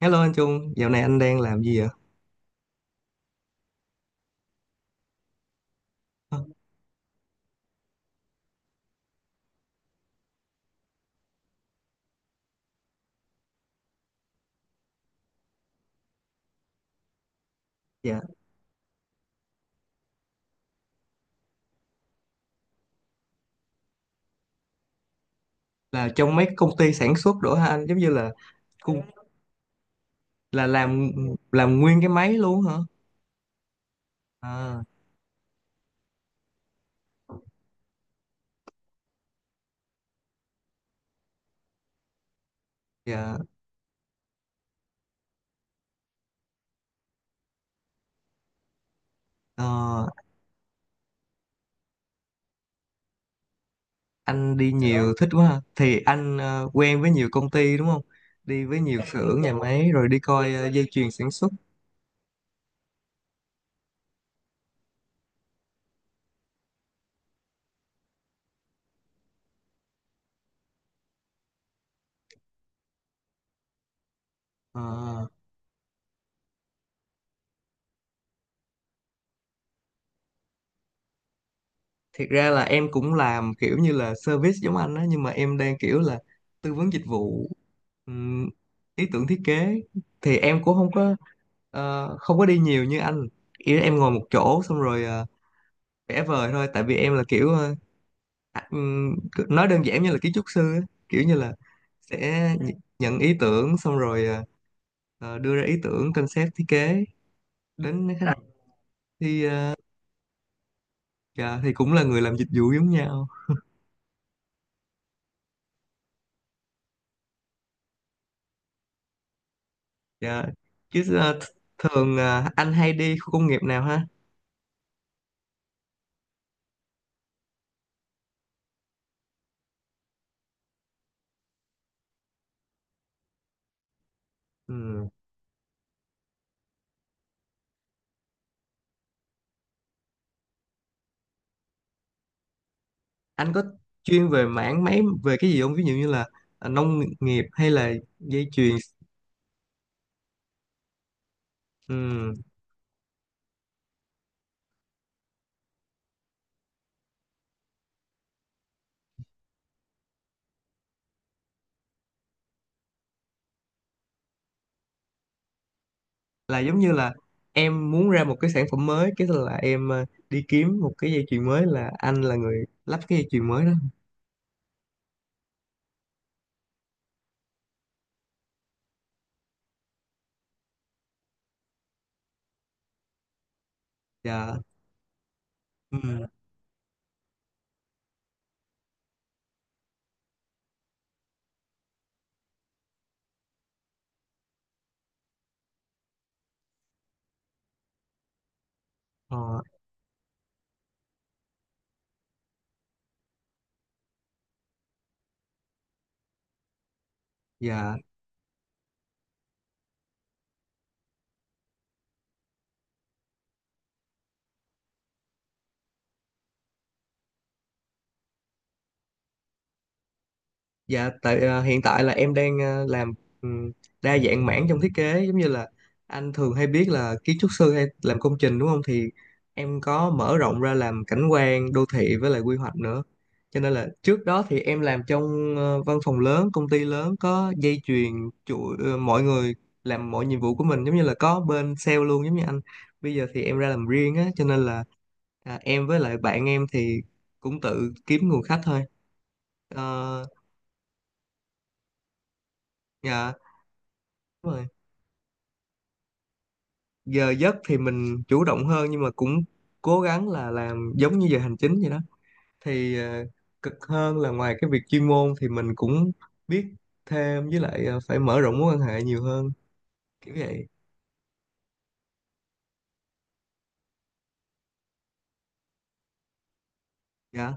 Hello anh Trung, dạo này anh đang làm gì vậy? Ờ, Dạ, là trong mấy công ty sản xuất đồ hả anh? Giống như là cung là làm nguyên cái máy luôn hả? À, dạ, Ờ, anh đi nhiều thích quá ha. Thì anh quen với nhiều công ty đúng không? Đi với nhiều xưởng nhà máy rồi đi coi dây chuyền sản xuất. Ờ. Thiệt ra là em cũng làm kiểu như là service giống anh á, nhưng mà em đang kiểu là tư vấn dịch vụ, ừm, ý tưởng thiết kế, thì em cũng không có, không có đi nhiều như anh. Ý là em ngồi một chỗ xong rồi vẽ vời thôi, tại vì em là kiểu à, ừm, nói đơn giản như là kiến trúc sư á. Kiểu như là sẽ nhận ý tưởng xong rồi đưa ra ý tưởng concept thiết kế đến khách hàng, thì ờ, dạ, thì cũng là người làm dịch vụ giống nhau. Dạ. Chứ ờ, th- thường anh hay đi khu công nghiệp nào ha? Ừ. Anh có chuyên về mảng mấy về cái gì không? Ví dụ như là nông nghiệp hay là dây chuyền. Ừ. Là giống như là em muốn ra một cái sản phẩm mới, cái là em đi kiếm một cái dây chuyền mới, là anh là người lắp cái dây chuyền mới đó. Dạ. Ừ. Ờ, dạ. Dạ, hiện tại là em đang làm ừm, đa dạng mảng trong thiết kế, giống như là anh thường hay biết là kiến trúc sư hay làm công trình đúng không? Thì em có mở rộng ra làm cảnh quan, đô thị với lại quy hoạch nữa. Cho nên là trước đó thì em làm trong văn phòng lớn, công ty lớn có dây chuyền chuỗi, mọi người làm mọi nhiệm vụ của mình giống như là có bên sale luôn giống như anh. Bây giờ thì em ra làm riêng á, cho nên là em với lại bạn em thì cũng tự kiếm nguồn khách thôi. Ờ, dạ. Đúng rồi. Giờ giấc thì mình chủ động hơn, nhưng mà cũng cố gắng là làm giống như giờ hành chính vậy đó. thì ờ, Cực hơn là ngoài cái việc chuyên môn thì mình cũng biết thêm, với lại phải mở rộng mối quan hệ nhiều hơn, kiểu vậy. Dạ.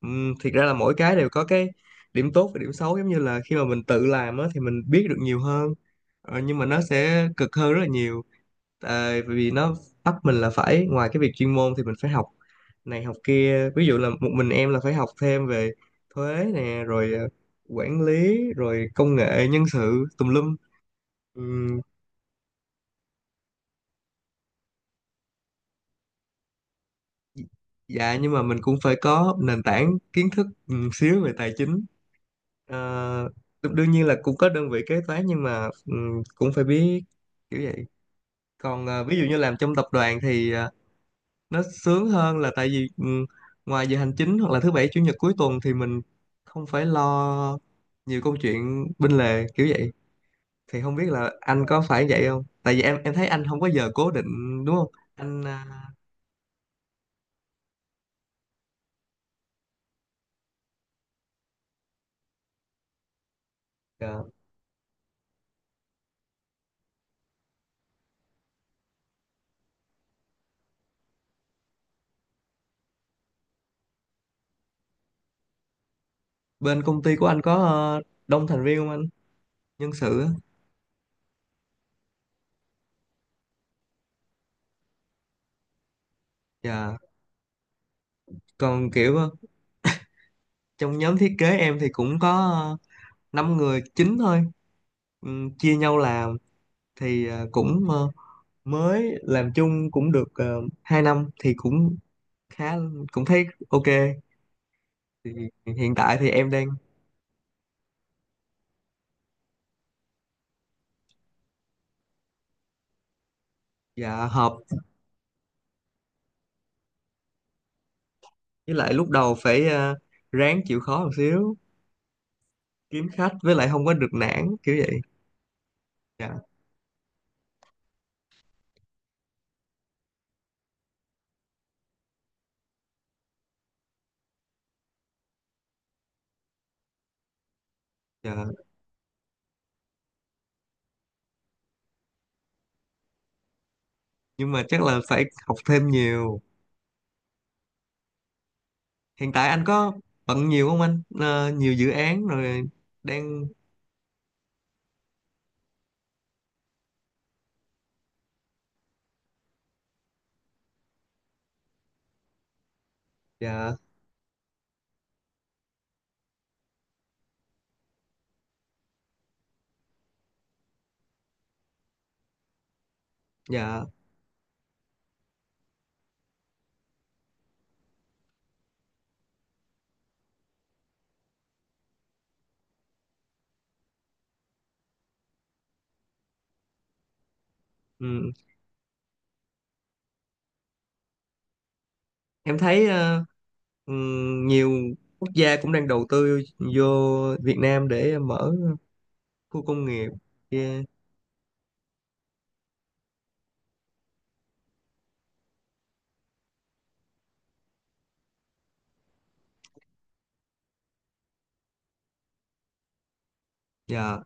Thiệt ra là mỗi cái đều có cái điểm tốt và điểm xấu. Giống như là khi mà mình tự làm á, thì mình biết được nhiều hơn, nhưng mà nó sẽ cực hơn rất là nhiều, tại vì nó bắt mình là phải ngoài cái việc chuyên môn thì mình phải học này học kia. Ví dụ là một mình em là phải học thêm về thuế nè, rồi quản lý rồi công nghệ nhân sự tùm lum. Ừm, dạ, nhưng mà mình cũng phải có nền tảng kiến thức xíu về tài chính. Ờ, đương nhiên là cũng có đơn vị kế toán, nhưng mà cũng phải biết, kiểu vậy. Còn ví dụ như làm trong tập đoàn thì nó sướng hơn là tại vì ngoài giờ hành chính hoặc là thứ bảy chủ nhật cuối tuần thì mình không phải lo nhiều câu chuyện bên lề, kiểu vậy. Thì không biết là anh có phải vậy không, tại vì em thấy anh không có giờ cố định đúng không anh? Ờ, dạ. Bên công ty của anh có đông thành viên không anh, nhân sự á? Dạ. Còn kiểu trong nhóm thiết kế em thì cũng có 5 người chín thôi. Chia nhau làm, thì ờ, cũng ờ, mới làm chung cũng được 2 năm, thì cũng khá, cũng thấy ok. Thì hiện tại thì em đang, dạ, hợp, với lại lúc đầu phải ráng chịu khó một xíu, kiếm khách, với lại không có được nản, kiểu vậy. Dạ. Dạ, nhưng mà chắc là phải học thêm nhiều. Hiện tại anh có bận nhiều không anh? Ờ, nhiều dự án rồi đang, dạ, dạ, ừ, em thấy nhiều quốc gia cũng đang đầu tư vô Việt Nam để mở khu công nghiệp. Yeah. Dạ.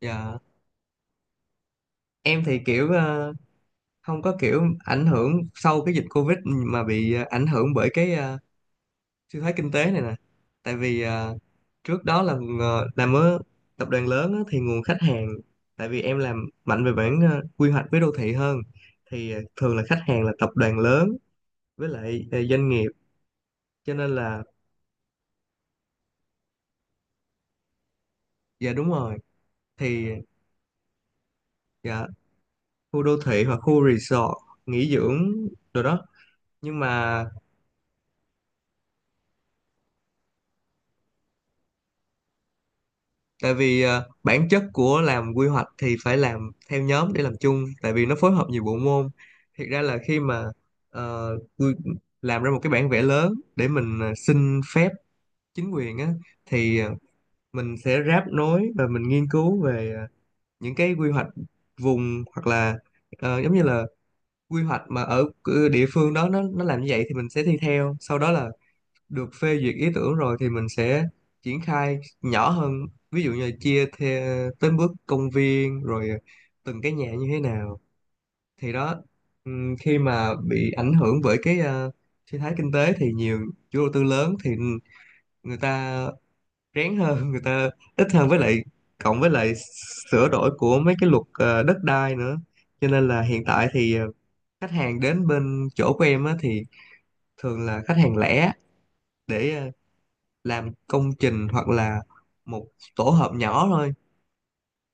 Dạ. Em thì kiểu không có kiểu ảnh hưởng sau cái dịch Covid mà bị ảnh hưởng bởi cái suy thoái kinh tế này nè. Tại vì trước đó là làm ở tập đoàn lớn á, thì nguồn khách hàng, tại vì em làm mạnh về bản quy hoạch với đô thị hơn, thì thường là khách hàng là tập đoàn lớn, với lại doanh nghiệp, cho nên là, dạ đúng rồi, thì dạ khu đô thị hoặc khu resort nghỉ dưỡng rồi đó. Nhưng mà tại vì bản chất của làm quy hoạch thì phải làm theo nhóm để làm chung, tại vì nó phối hợp nhiều bộ môn. Thiệt ra là khi mà ờ, quy- làm ra một cái bản vẽ lớn để mình xin phép chính quyền á, thì ờ, mình sẽ ráp nối và mình nghiên cứu về những cái quy hoạch vùng hoặc là giống như là quy hoạch mà ở địa phương đó, nó làm như vậy thì mình sẽ thi theo, sau đó là được phê duyệt ý tưởng rồi thì mình sẽ triển khai nhỏ hơn, ví dụ như là chia theo tới bước công viên, rồi từng cái nhà như thế nào, thì đó. Ừm, khi mà bị ảnh hưởng bởi cái suy thoái kinh tế thì nhiều chủ đầu tư lớn thì người ta rén hơn người ta ít hơn, với lại cộng với lại sửa đổi của mấy cái luật đất đai nữa, cho nên là hiện tại thì khách hàng đến bên chỗ của em á, thì thường là khách hàng lẻ, để làm công trình hoặc là một tổ hợp nhỏ thôi.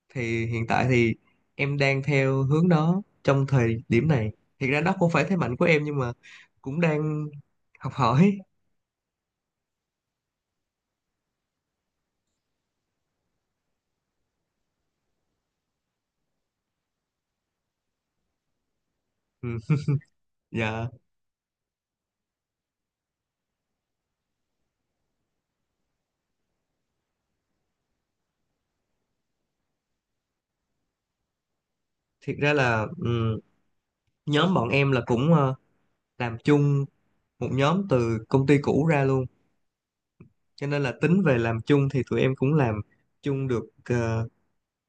Thì hiện tại thì em đang theo hướng đó trong thời điểm này, hiện ra đó không phải thế mạnh của em nhưng mà cũng đang học hỏi. Ừ. Dạ. Thiệt ra là ừ, nhóm bọn em là cũng làm chung một nhóm từ công ty cũ ra luôn, cho nên là tính về làm chung thì tụi em cũng làm chung được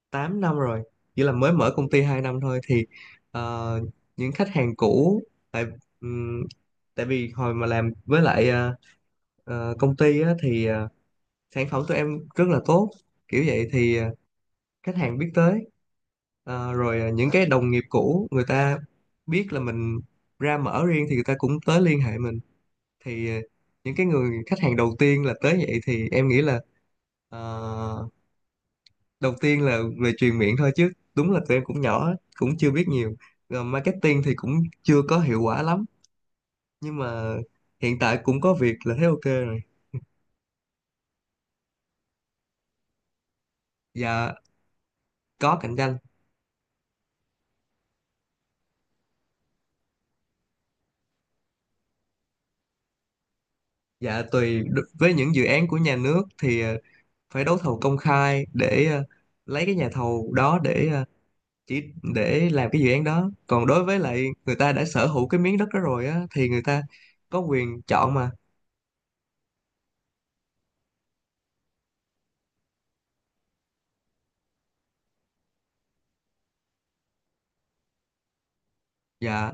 8 năm rồi, chỉ là mới mở công ty 2 năm thôi. Ờ, những khách hàng cũ, tại ừm, tại vì hồi mà làm với lại công ty á, thì sản phẩm tụi em rất là tốt, kiểu vậy, thì khách hàng biết tới. Ờ, rồi những cái đồng nghiệp cũ người ta biết là mình ra mở riêng thì người ta cũng tới liên hệ mình. thì ờ, những cái người khách hàng đầu tiên là tới vậy, thì em nghĩ là ờ, đầu tiên là về truyền miệng thôi, chứ đúng là tụi em cũng nhỏ, cũng chưa biết nhiều, rồi marketing thì cũng chưa có hiệu quả lắm, nhưng mà hiện tại cũng có việc là thấy ok rồi. Dạ, có cạnh tranh. Dạ, tùy với những dự án của nhà nước thì phải đấu thầu công khai để lấy cái nhà thầu đó để chỉ để làm cái dự án đó. Còn đối với lại người ta đã sở hữu cái miếng đất đó rồi á thì người ta có quyền chọn mà. Dạ,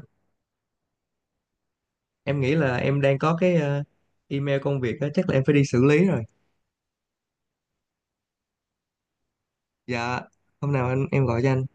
em nghĩ là em đang có cái email công việc đó, chắc là em phải đi xử lý rồi. Dạ, hôm nào anh em gọi cho anh.